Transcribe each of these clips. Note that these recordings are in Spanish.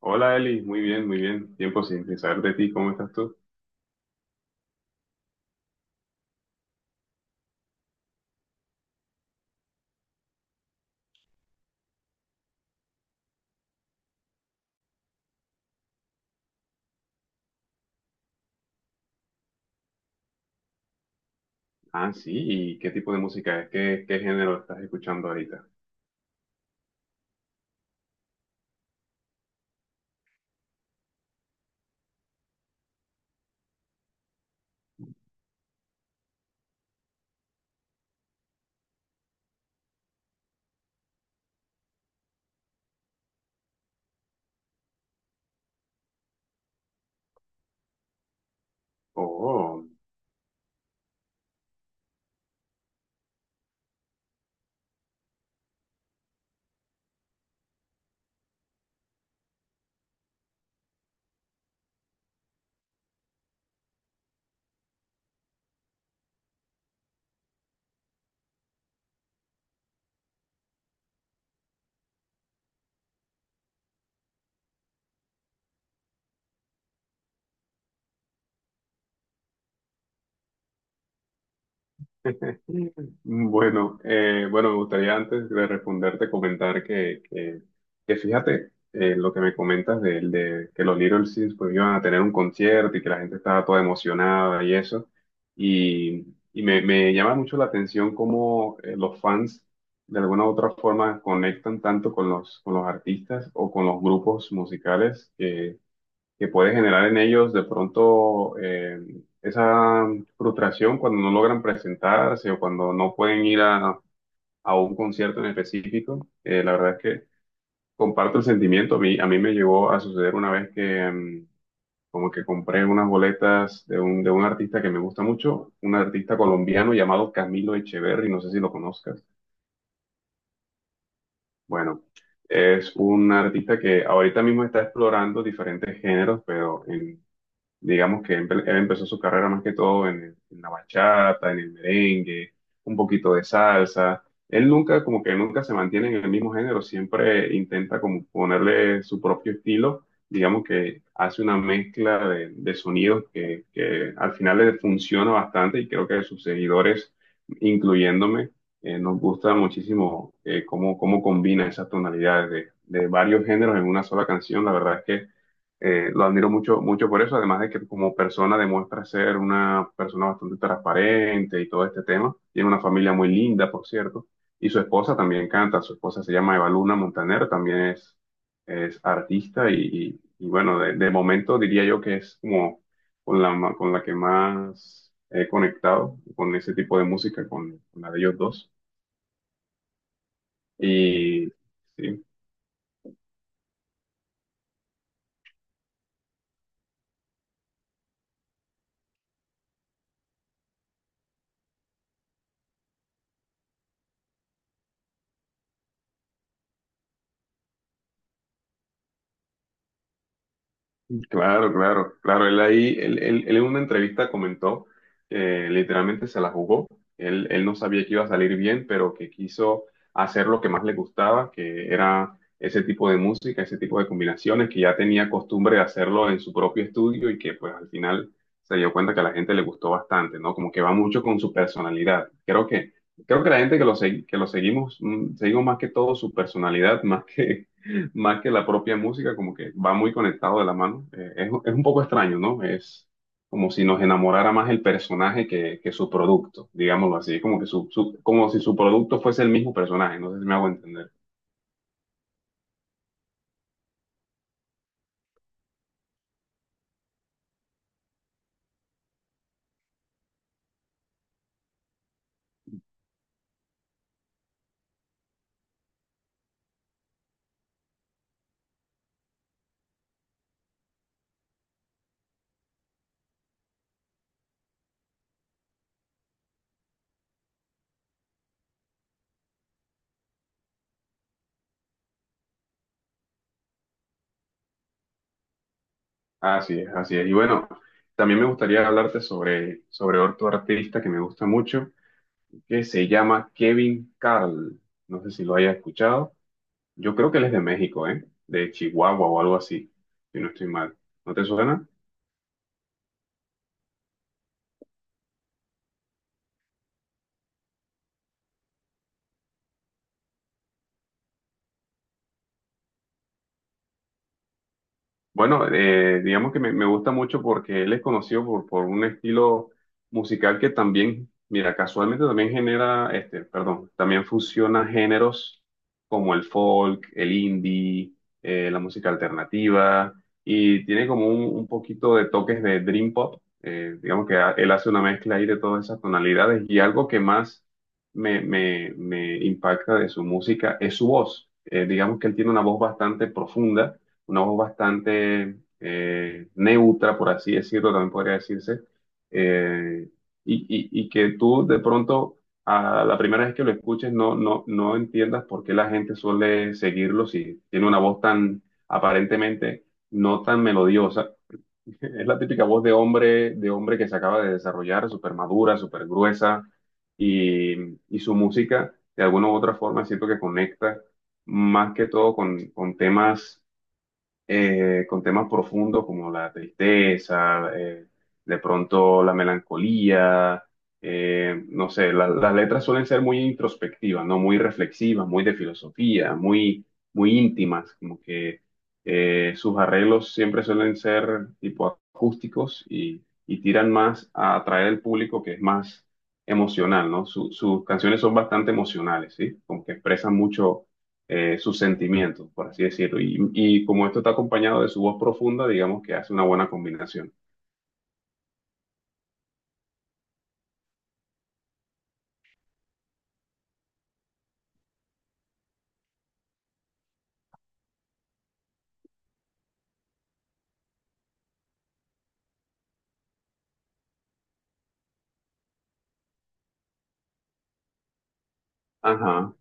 Hola Eli, muy bien, muy bien. Tiempo sin saber de ti, ¿cómo estás tú? Ah, sí, ¿y qué tipo de música es? ¿Qué género estás escuchando ahorita? Oh. Mm, bueno, bueno, me gustaría antes de responderte comentar que fíjate, lo que me comentas de que los Little Sims pues iban a tener un concierto y que la gente estaba toda emocionada y eso. Y, y me llama mucho la atención cómo, los fans de alguna u otra forma conectan tanto con con los artistas o con los grupos musicales que puede generar en ellos de pronto, esa frustración cuando no logran presentarse o cuando no pueden ir a un concierto en específico. La verdad es que comparto el sentimiento. A mí me llegó a suceder una vez que mm, como que compré unas boletas de un artista que me gusta mucho, un artista colombiano llamado Camilo Echeverry, no sé si lo conozcas. Bueno. Es un artista que ahorita mismo está explorando diferentes géneros, pero en... Digamos que él empezó su carrera más que todo en en la bachata, en el merengue, un poquito de salsa. Él nunca, como que nunca se mantiene en el mismo género, siempre intenta como ponerle su propio estilo. Digamos que hace una mezcla de sonidos que al final le funciona bastante y creo que sus seguidores, incluyéndome, nos gusta muchísimo, cómo combina esas tonalidades de varios géneros en una sola canción. La verdad es que, lo admiro mucho, mucho por eso, además de que como persona demuestra ser una persona bastante transparente y todo este tema. Tiene una familia muy linda, por cierto, y su esposa también canta. Su esposa se llama Evaluna Montaner, también es artista y bueno, de momento diría yo que es como con con la que más he conectado con ese tipo de música, con la de ellos dos. Y sí, claro, claro, claro. Él ahí, él en una entrevista comentó que literalmente se la jugó. Él no sabía que iba a salir bien, pero que quiso hacer lo que más le gustaba, que era ese tipo de música, ese tipo de combinaciones, que ya tenía costumbre de hacerlo en su propio estudio y que pues al final se dio cuenta que a la gente le gustó bastante, ¿no? Como que va mucho con su personalidad. Creo que la gente que que lo seguimos, mm, seguimos más que todo su personalidad, más que la propia música, como que va muy conectado de la mano. Es un poco extraño, ¿no? Es como si nos enamorara más el personaje que su producto, digámoslo así, como que como si su producto fuese el mismo personaje, no sé si me hago entender. Así es, así es. Y bueno, también me gustaría hablarte sobre otro artista que me gusta mucho, que se llama Kevin Carl. No sé si lo hayas escuchado. Yo creo que él es de México, ¿eh? De Chihuahua o algo así, si no estoy mal. ¿No te suena? Bueno, digamos que me gusta mucho porque él es conocido por un estilo musical que también, mira, casualmente también también fusiona géneros como el folk, el indie, la música alternativa y tiene como un poquito de toques de dream pop. Digamos que él hace una mezcla ahí de todas esas tonalidades y algo que más me impacta de su música es su voz. Digamos que él tiene una voz bastante profunda, una voz bastante, neutra, por así decirlo, también podría decirse, eh, y, y que tú de pronto a la primera vez que lo escuches no entiendas por qué la gente suele seguirlo si tiene una voz tan aparentemente no tan melodiosa. Es la típica voz de hombre que se acaba de desarrollar, súper madura, súper gruesa, y, y su música de alguna u otra forma siento que conecta más que todo con temas, con temas profundos como la tristeza, de pronto la melancolía, no sé, las letras suelen ser muy introspectivas, ¿no? Muy reflexivas, muy de filosofía, muy, muy íntimas, como que, sus arreglos siempre suelen ser tipo acústicos y tiran más a atraer al público que es más emocional, ¿no? Sus canciones son bastante emocionales, ¿sí? Como que expresan mucho, sus sentimientos, por así decirlo. Y como esto está acompañado de su voz profunda, digamos que hace una buena combinación. Ajá.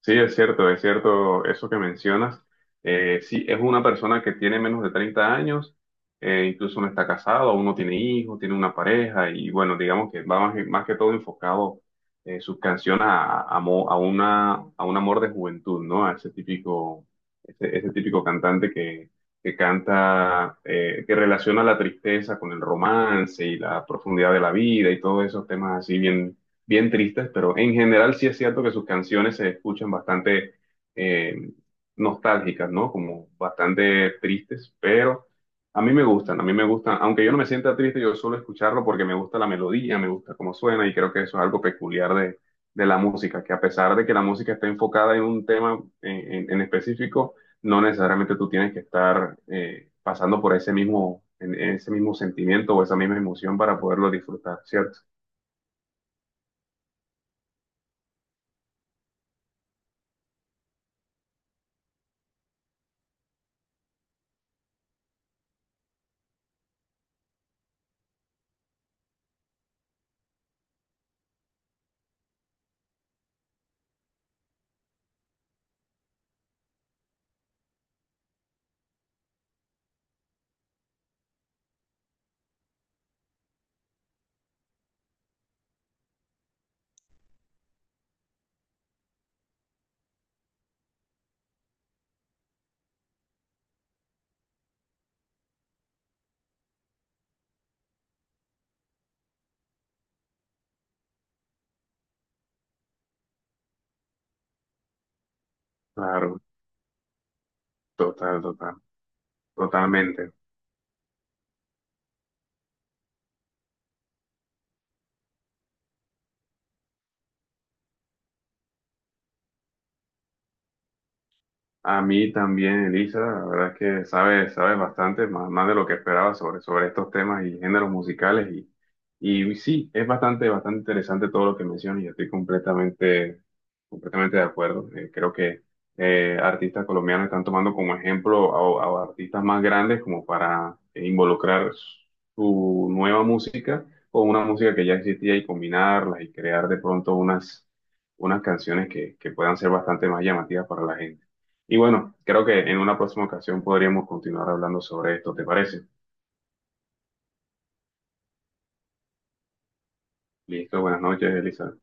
Sí, es cierto eso que mencionas. Sí, es una persona que tiene menos de 30 años, incluso no está casado, aún no tiene hijos, tiene una pareja y bueno, digamos que va más, más que todo enfocado, sus canciones a, a una, a un amor de juventud, ¿no? A ese típico, ese típico cantante que canta, que relaciona la tristeza con el romance y la profundidad de la vida y todos esos temas así bien tristes, pero en general sí es cierto que sus canciones se escuchan bastante, eh, nostálgicas, ¿no? Como bastante tristes, pero a mí me gustan, a mí me gustan, aunque yo no me sienta triste, yo suelo escucharlo porque me gusta la melodía, me gusta cómo suena y creo que eso es algo peculiar de la música, que a pesar de que la música está enfocada en un tema en, en específico, no necesariamente tú tienes que estar, pasando por ese mismo, ese mismo sentimiento o esa misma emoción para poderlo disfrutar, ¿cierto? Claro. Total, total, totalmente. A mí también, Elisa, la verdad es que sabes, sabes bastante, más, más de lo que esperaba sobre estos temas y géneros musicales. Y sí, es bastante, bastante interesante todo lo que mencionas y estoy completamente, completamente de acuerdo. Creo que, artistas colombianos están tomando como ejemplo a artistas más grandes como para involucrar su nueva música con una música que ya existía y combinarlas y crear de pronto unas, unas canciones que puedan ser bastante más llamativas para la gente. Y bueno, creo que en una próxima ocasión podríamos continuar hablando sobre esto, ¿te parece? Listo, buenas noches, Elizabeth.